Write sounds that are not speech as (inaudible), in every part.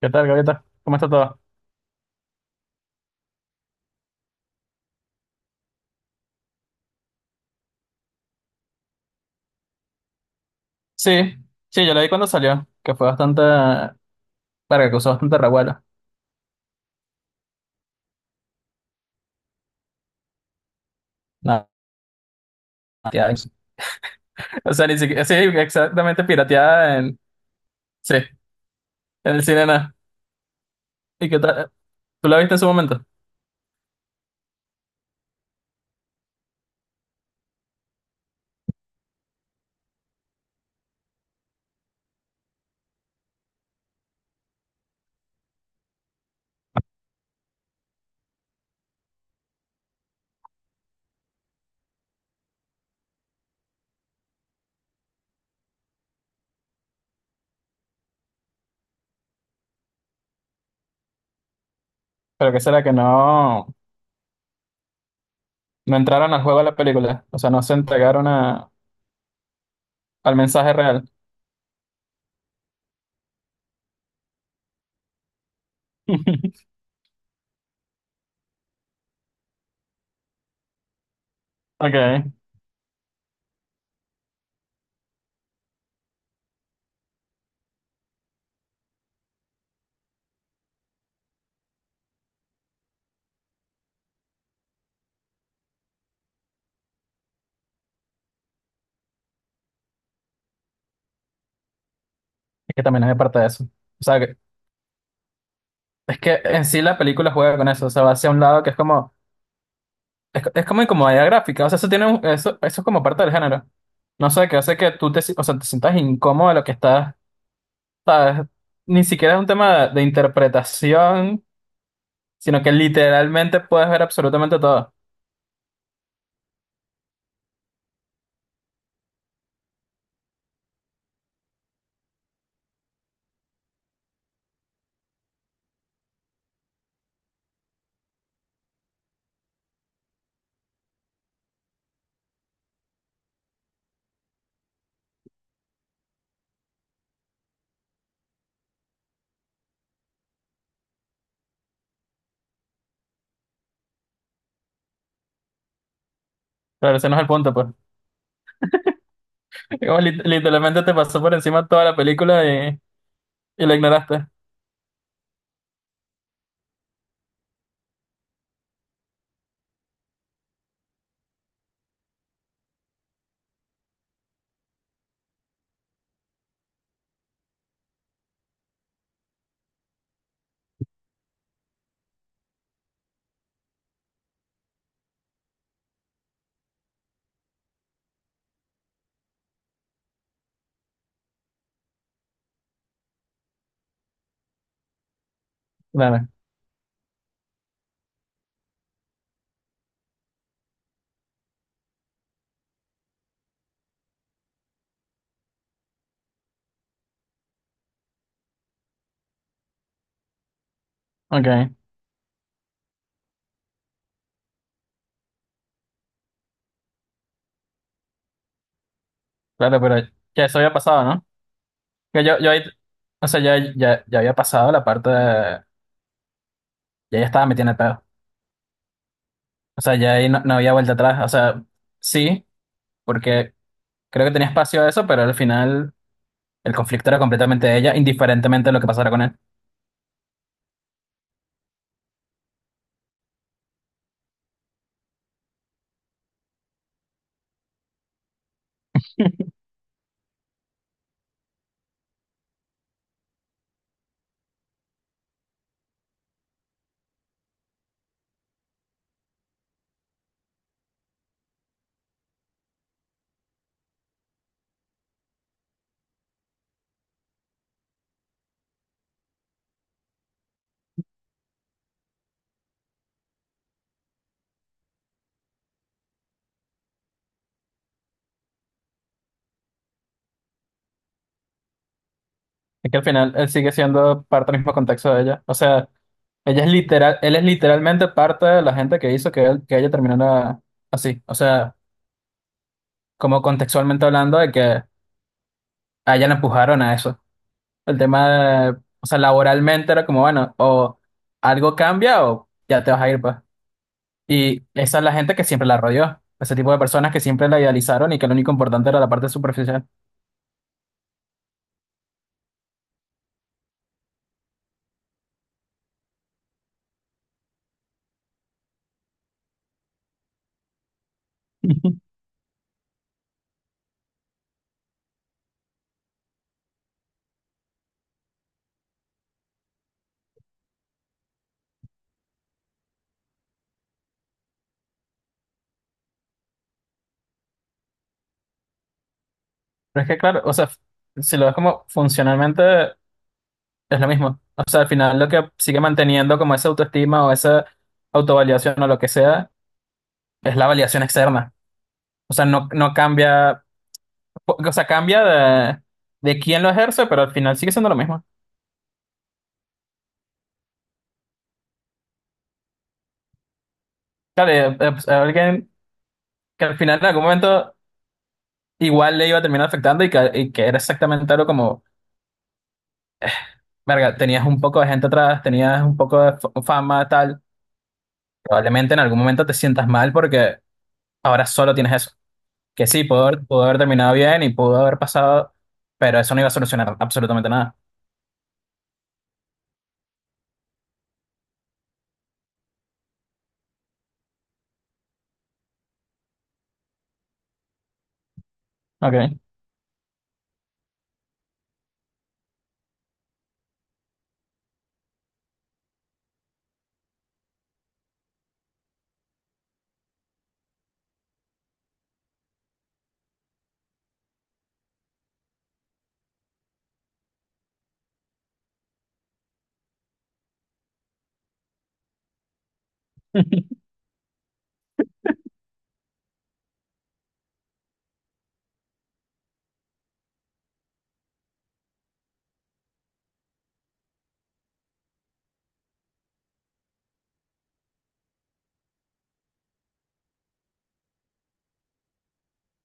¿Qué tal, Gaviota? ¿Cómo está todo? Sí, sí, yo la vi cuando salió, que fue bastante, para que causó bastante revuelo. Nada, pirateada. (laughs) O sea, ni siquiera, sí, exactamente pirateada en, sí, en el cine nada. ¿Y qué tal? ¿Tú la viste en su momento? Pero qué será que no, no entraron al juego de la película, o sea, no se entregaron a- al mensaje real. (laughs) Ok, es que también es de parte de eso. O sea, que- es que en sí la película juega con eso, o sea, va hacia un lado que es como. Es como incomodidad gráfica, o sea, eso tiene un- eso es como parte del género. No sé, que hace que tú te, si- o sea, te sientas incómodo de lo que estás, sabes, ni siquiera es un tema de interpretación, sino que literalmente puedes ver absolutamente todo. Pero ese no es el punto, pues. (laughs) Como lit- literalmente te pasó por encima toda la película y, y la ignoraste. Claro, ok, claro, pero ya eso había pasado, ¿no? Que yo ahí, o sea, ya, ya, ya había pasado la parte de, ya ya estaba metiendo el pedo. O sea, ya ahí no, no había vuelta atrás, o sea, sí. Porque creo que tenía espacio a eso, pero al final el conflicto era completamente de ella, indiferentemente de lo que pasara con él. Es que al final él sigue siendo parte del mismo contexto de ella. O sea, ella es literal, él es literalmente parte de la gente que hizo que él, que ella terminara así. O sea, como contextualmente hablando de que a ella la empujaron a eso. El tema de, o sea, laboralmente era como, bueno, o algo cambia o ya te vas a ir, pues. Y esa es la gente que siempre la rodeó. Ese tipo de personas que siempre la idealizaron y que lo único importante era la parte superficial. (laughs) Pero es que, claro, o sea, si lo ves como funcionalmente, es lo mismo. O sea, al final lo que sigue manteniendo como esa autoestima o esa autovaliación o lo que sea, es la validación externa. O sea, no, no cambia, o sea, cambia de quién lo ejerce, pero al final sigue siendo lo mismo. Claro, pues, alguien que al final en algún momento igual le iba a terminar afectando y que era exactamente algo como, verga, tenías un poco de gente atrás, tenías un poco de f- fama, tal. Probablemente en algún momento te sientas mal porque ahora solo tienes eso. Que sí, pudo haber terminado bien y pudo haber pasado, pero eso no iba a solucionar absolutamente nada. Ok,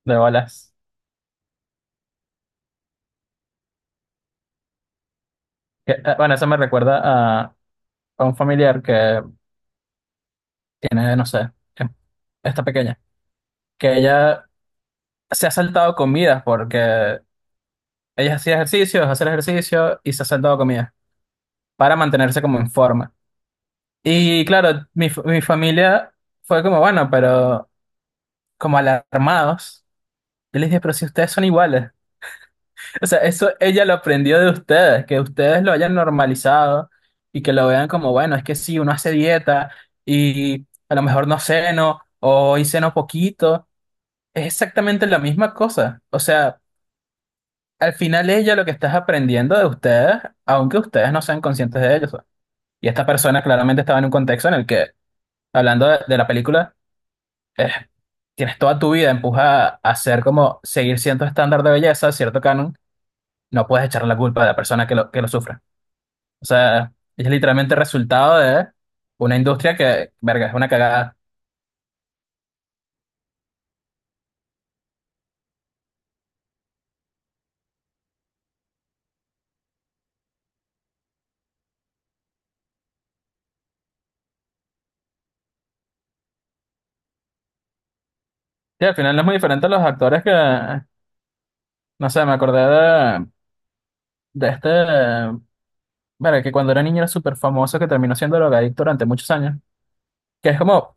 de bolas. Que, bueno, eso me recuerda a, a un familiar que tiene, no sé, que está pequeña, que ella se ha saltado comidas porque ella hacía ejercicios, hacer ejercicio y se ha saltado comidas para mantenerse como en forma. Y claro, mi, fa- mi familia fue como, bueno, pero como alarmados. Yo les dije, pero si ustedes son iguales. O sea, eso ella lo aprendió de ustedes, que ustedes lo hayan normalizado y que lo vean como, bueno, es que sí, uno hace dieta y a lo mejor no ceno o hoy ceno poquito, es exactamente la misma cosa. O sea, al final ella lo que está es aprendiendo de ustedes, aunque ustedes no sean conscientes de ello. Y esta persona claramente estaba en un contexto en el que, hablando de la película, eh, tienes toda tu vida, empuja a ser como seguir cierto estándar de belleza, cierto canon, no puedes echar la culpa de la persona que lo sufre. O sea, es literalmente resultado de una industria que, verga, es una cagada. Y al final no es muy diferente a los actores que, no sé, me acordé de este, verga, que cuando era niño era súper famoso, que terminó siendo drogadicto durante muchos años. Que es como,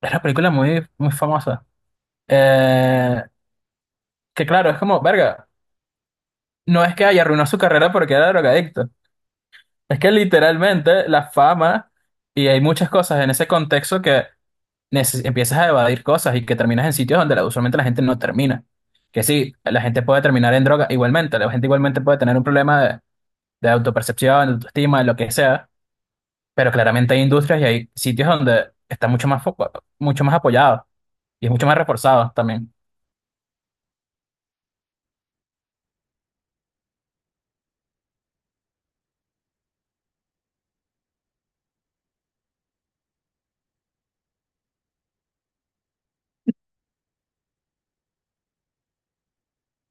es una película muy, muy famosa. Eh, que claro, es como, verga, no es que haya arruinado su carrera porque era drogadicto. Es que literalmente la fama, y hay muchas cosas en ese contexto que neces- empiezas a evadir cosas y que terminas en sitios donde la- usualmente la gente no termina. Que sí, la gente puede terminar en droga igualmente, la gente igualmente puede tener un problema de autopercepción, de autoestima, de lo que sea, pero claramente hay industrias y hay sitios donde está mucho más foco, mucho más apoyado y es mucho más reforzado también.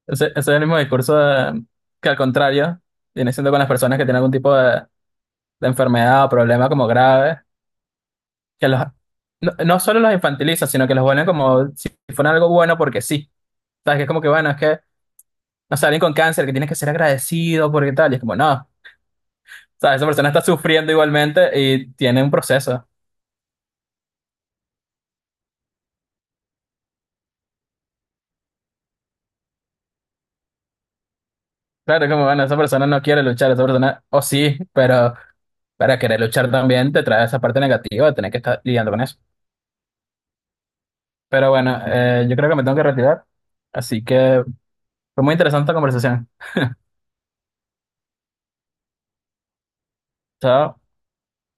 Ese es el mismo discurso de- que al contrario viene siendo con las personas que tienen algún tipo de enfermedad o problema como grave, que los, no, no solo los infantiliza, sino que los vuelven como si fuera algo bueno porque sí. ¿Sabes? Que es como que, bueno, es que no sé, alguien con cáncer que tiene que ser agradecido porque tal, y es como, no, o sea, esa persona está sufriendo igualmente y tiene un proceso. Claro, es como, bueno, esa persona no quiere luchar, esa persona, o sí, pero para querer luchar también te trae esa parte negativa de tener que estar lidiando con eso. Pero bueno, yo creo que me tengo que retirar, así que fue muy interesante la conversación. Chao.